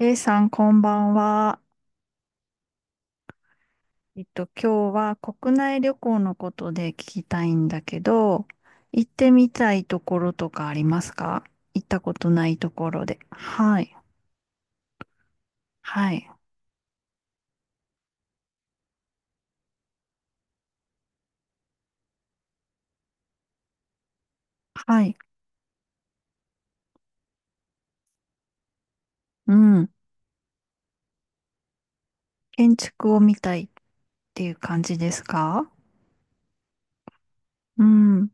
A さん、こんばんは。今日は国内旅行のことで聞きたいんだけど、行ってみたいところとかありますか？行ったことないところで。はい、はい、はい。うん。建築を見たいっていう感じですか？うん。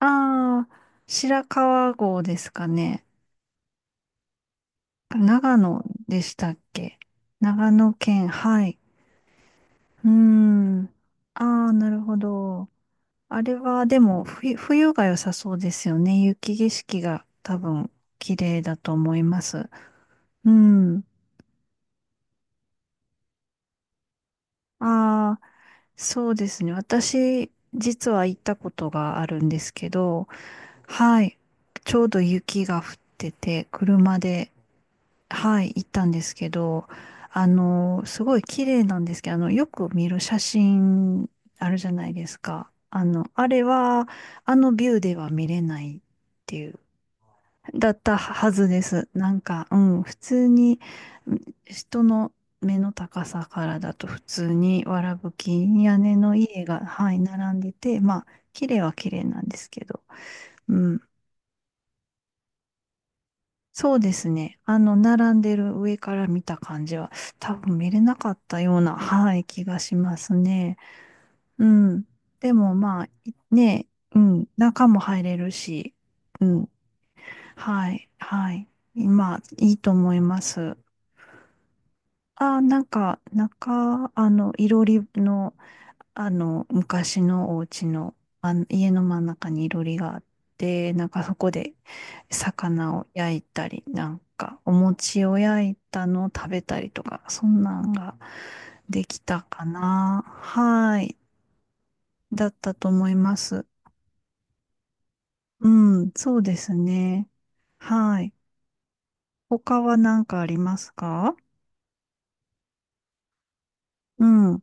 ああ、白川郷ですかね。長野でしたっけ？長野県、はい。うーん。ああ、なるほど。あれはでも冬が良さそうですよね。雪景色が多分綺麗だと思います。うん。ああ、そうですね。私、実は行ったことがあるんですけど、はい。ちょうど雪が降ってて、車で、はい、行ったんですけど、すごい綺麗なんですけど、よく見る写真あるじゃないですか。あれは、あのビューでは見れない。っていうだったはずです。なんか、うん、普通に、うん、人の目の高さからだと普通にわらぶき屋根の家が、はい、並んでて、まあ、綺麗は綺麗なんですけど、うん、そうですね。あの、並んでる上から見た感じは、多分見れなかったような、はい、気がしますね。うん。でも、まあ、いね、うん、中も入れるし、うん、はい、はい。まあ、いいと思います。ああ、なんか、中、いろりの、昔のお家の、家の真ん中にいろりがあって、なんかそこで魚を焼いたり、なんかお餅を焼いたのを食べたりとか、そんなんができたかな。はい。だったと思います。うん、そうですね。はい。他は何かありますか？うん。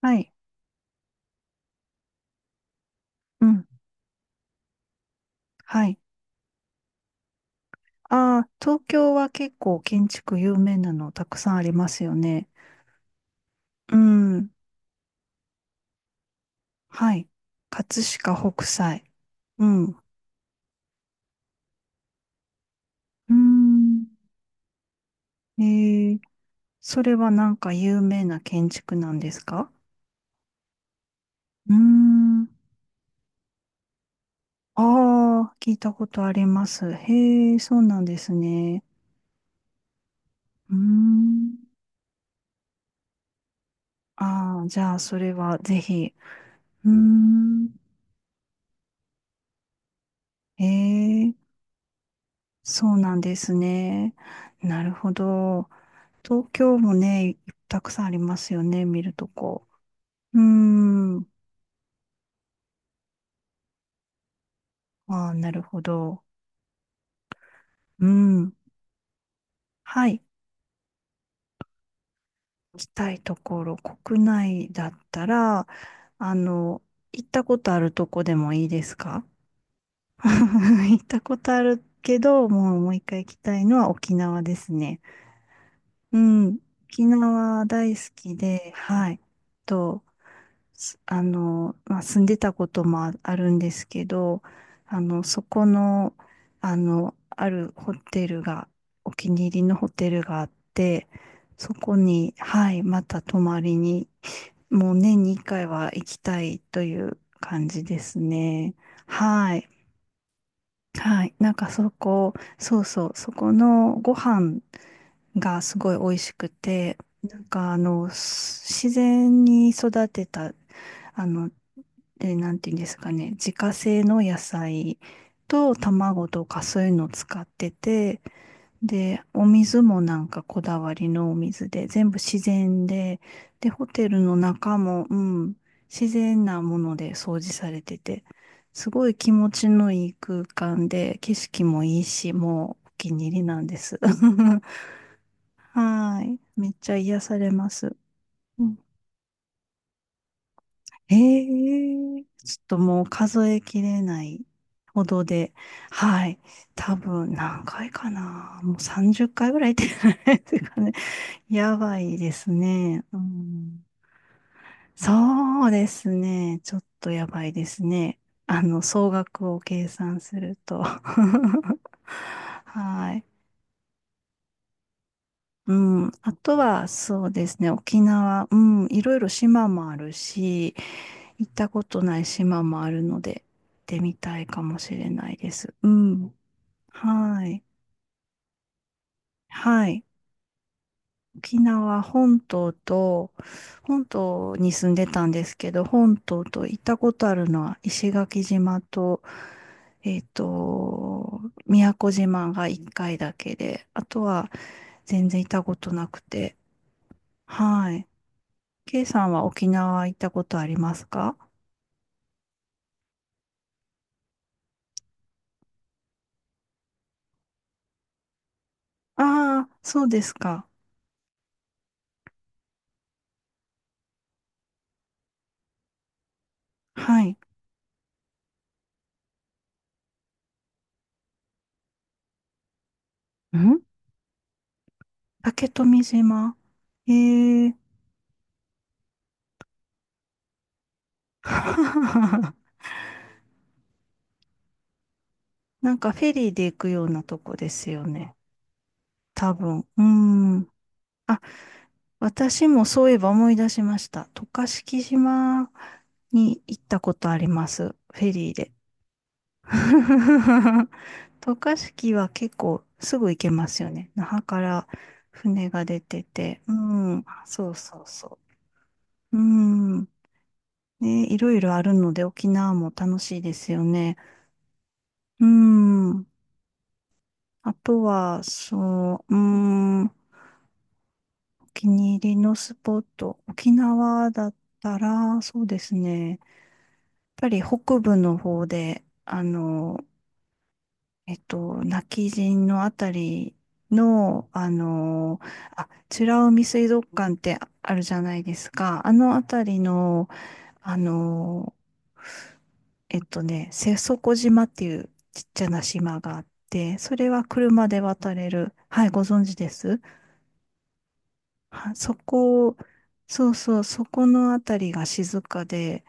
はい。うん。はい。ああ、東京は結構建築有名なのたくさんありますよね。うん。はい。葛飾北斎。うん。うーん。えー、それはなんか有名な建築なんですか？うーん。ああ、聞いたことあります。へえ、そうなんですね。うーん。ああ、じゃあそれはぜひ。うーん。へえ、そうなんですね。なるほど。東京もね、たくさんありますよね、見るとこ。うーん。ああ、なるほど。うん。はい。行きたいところ、国内だったら、あの、行ったことあるとこでもいいですか？ 行ったことあるけど、もう一回行きたいのは沖縄ですね。うん。沖縄大好きで、はい。と、すあの、まあ、住んでたこともああるんですけど、あの、そこの、あるホテルが、お気に入りのホテルがあって、そこに、はい、また泊まりに、もう年に1回は行きたいという感じですね。はい。はい。なんかそこ、そうそう、そこのご飯がすごい美味しくて、なんかあの、す自然に育てた、あの、なんていうんですかね、自家製の野菜と卵とかそういうのを使ってて、で、お水もなんかこだわりのお水で、全部自然で、で、ホテルの中も、うん、自然なもので掃除されてて、すごい気持ちのいい空間で、景色もいいし、もうお気に入りなんです。はい。めっちゃ癒されます。うん、ええ、ちょっともう数えきれないほどで、はい。多分何回かな。もう30回ぐらい行ってないですかね。やばいですね。うん、そうですね。ちょっとやばいですね。あの、総額を計算すると。はい。うん。あとは、そうですね。沖縄、うん。いろいろ島もあるし、行ったことない島もあるので、行ってみたいかもしれないです。うん。はい。はい。沖縄本島と、本島に住んでたんですけど、本島と行ったことあるのは石垣島と、えっと、宮古島が1回だけで、あとは全然行ったことなくて。はい。K さんは沖縄行ったことありますか？ああー、そうですか。はい。竹富島。ええ なんかフェリーで行くようなとこですよね。多分。うーん。あ、私もそういえば思い出しました。渡嘉敷島に行ったことあります。フェリーで。渡嘉敷は結構すぐ行けますよね。那覇から船が出てて。うん。そうそうそう。うん。ね、いろいろあるので沖縄も楽しいですよね。うん。あとは、そう、うーん、お気に入りのスポット、沖縄だったら、そうですね、やっぱり北部の方で、あの、今帰仁のあたりの、あの、あ、美ら海水族館ってあるじゃないですか。あのあたりの、あの、えっとね、瀬底島っていうちっちゃな島があって、それは車で渡れる。はい、ご存知ですはそこ、そうそう、そこのあたりが静かで、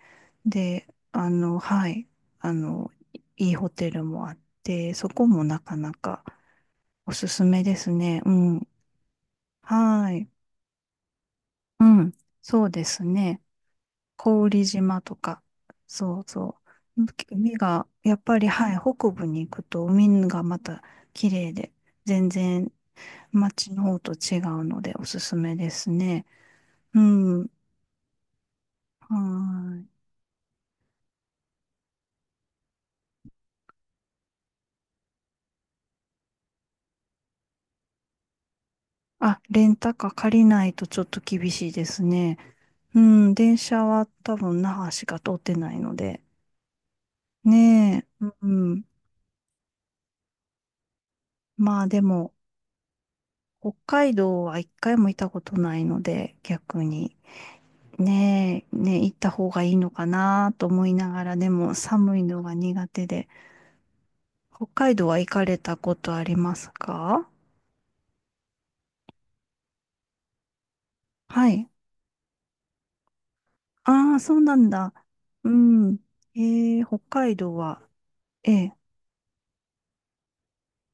で、あの、はい、いいいホテルもあって、そこもなかなかおすすめですね。うん。はい。うん。そうですね。郡島とか、そうそう。海が、やっぱり、はい、北部に行くと海がまた綺麗で、全然街の方と違うのでおすすめですね。うん。はい。あ、レンタカー借りないとちょっと厳しいですね。うん、電車は多分那覇しか通ってないので。ねえ、うん。まあでも、北海道は一回も行ったことないので、逆に。ねえ、ねえ、行った方がいいのかなと思いながら、でも寒いのが苦手で。北海道は行かれたことありますか？はい。ああ、そうなんだ。うん。えー、北海道は、ええ、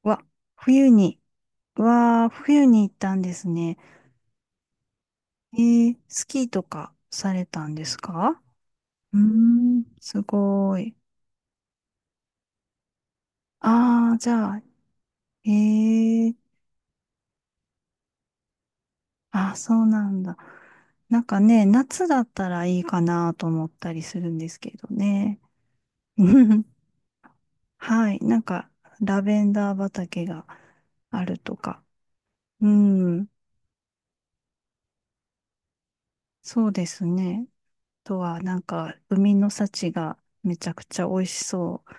わ、冬に、わあ、冬に行ったんですね。えー、スキーとかされたんですか？うーん、すごい。ああ、じゃあ、えー、あ、そうなんだ。なんかね、夏だったらいいかなと思ったりするんですけどね。はい、なんか、ラベンダー畑があるとか。うん、そうですね。あとは、なんか、海の幸がめちゃくちゃ美味しそう。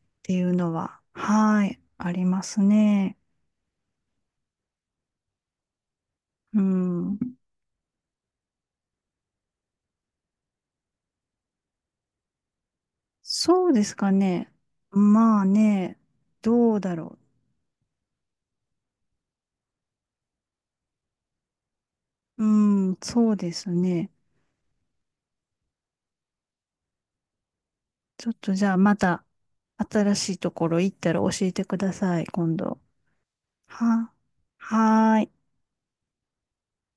っていうのは、はい、ありますね。うん。そうですかね。まあね、どうだろう。うん、そうですね。ちょっとじゃあまた新しいところ行ったら教えてください、今度。は、はーい。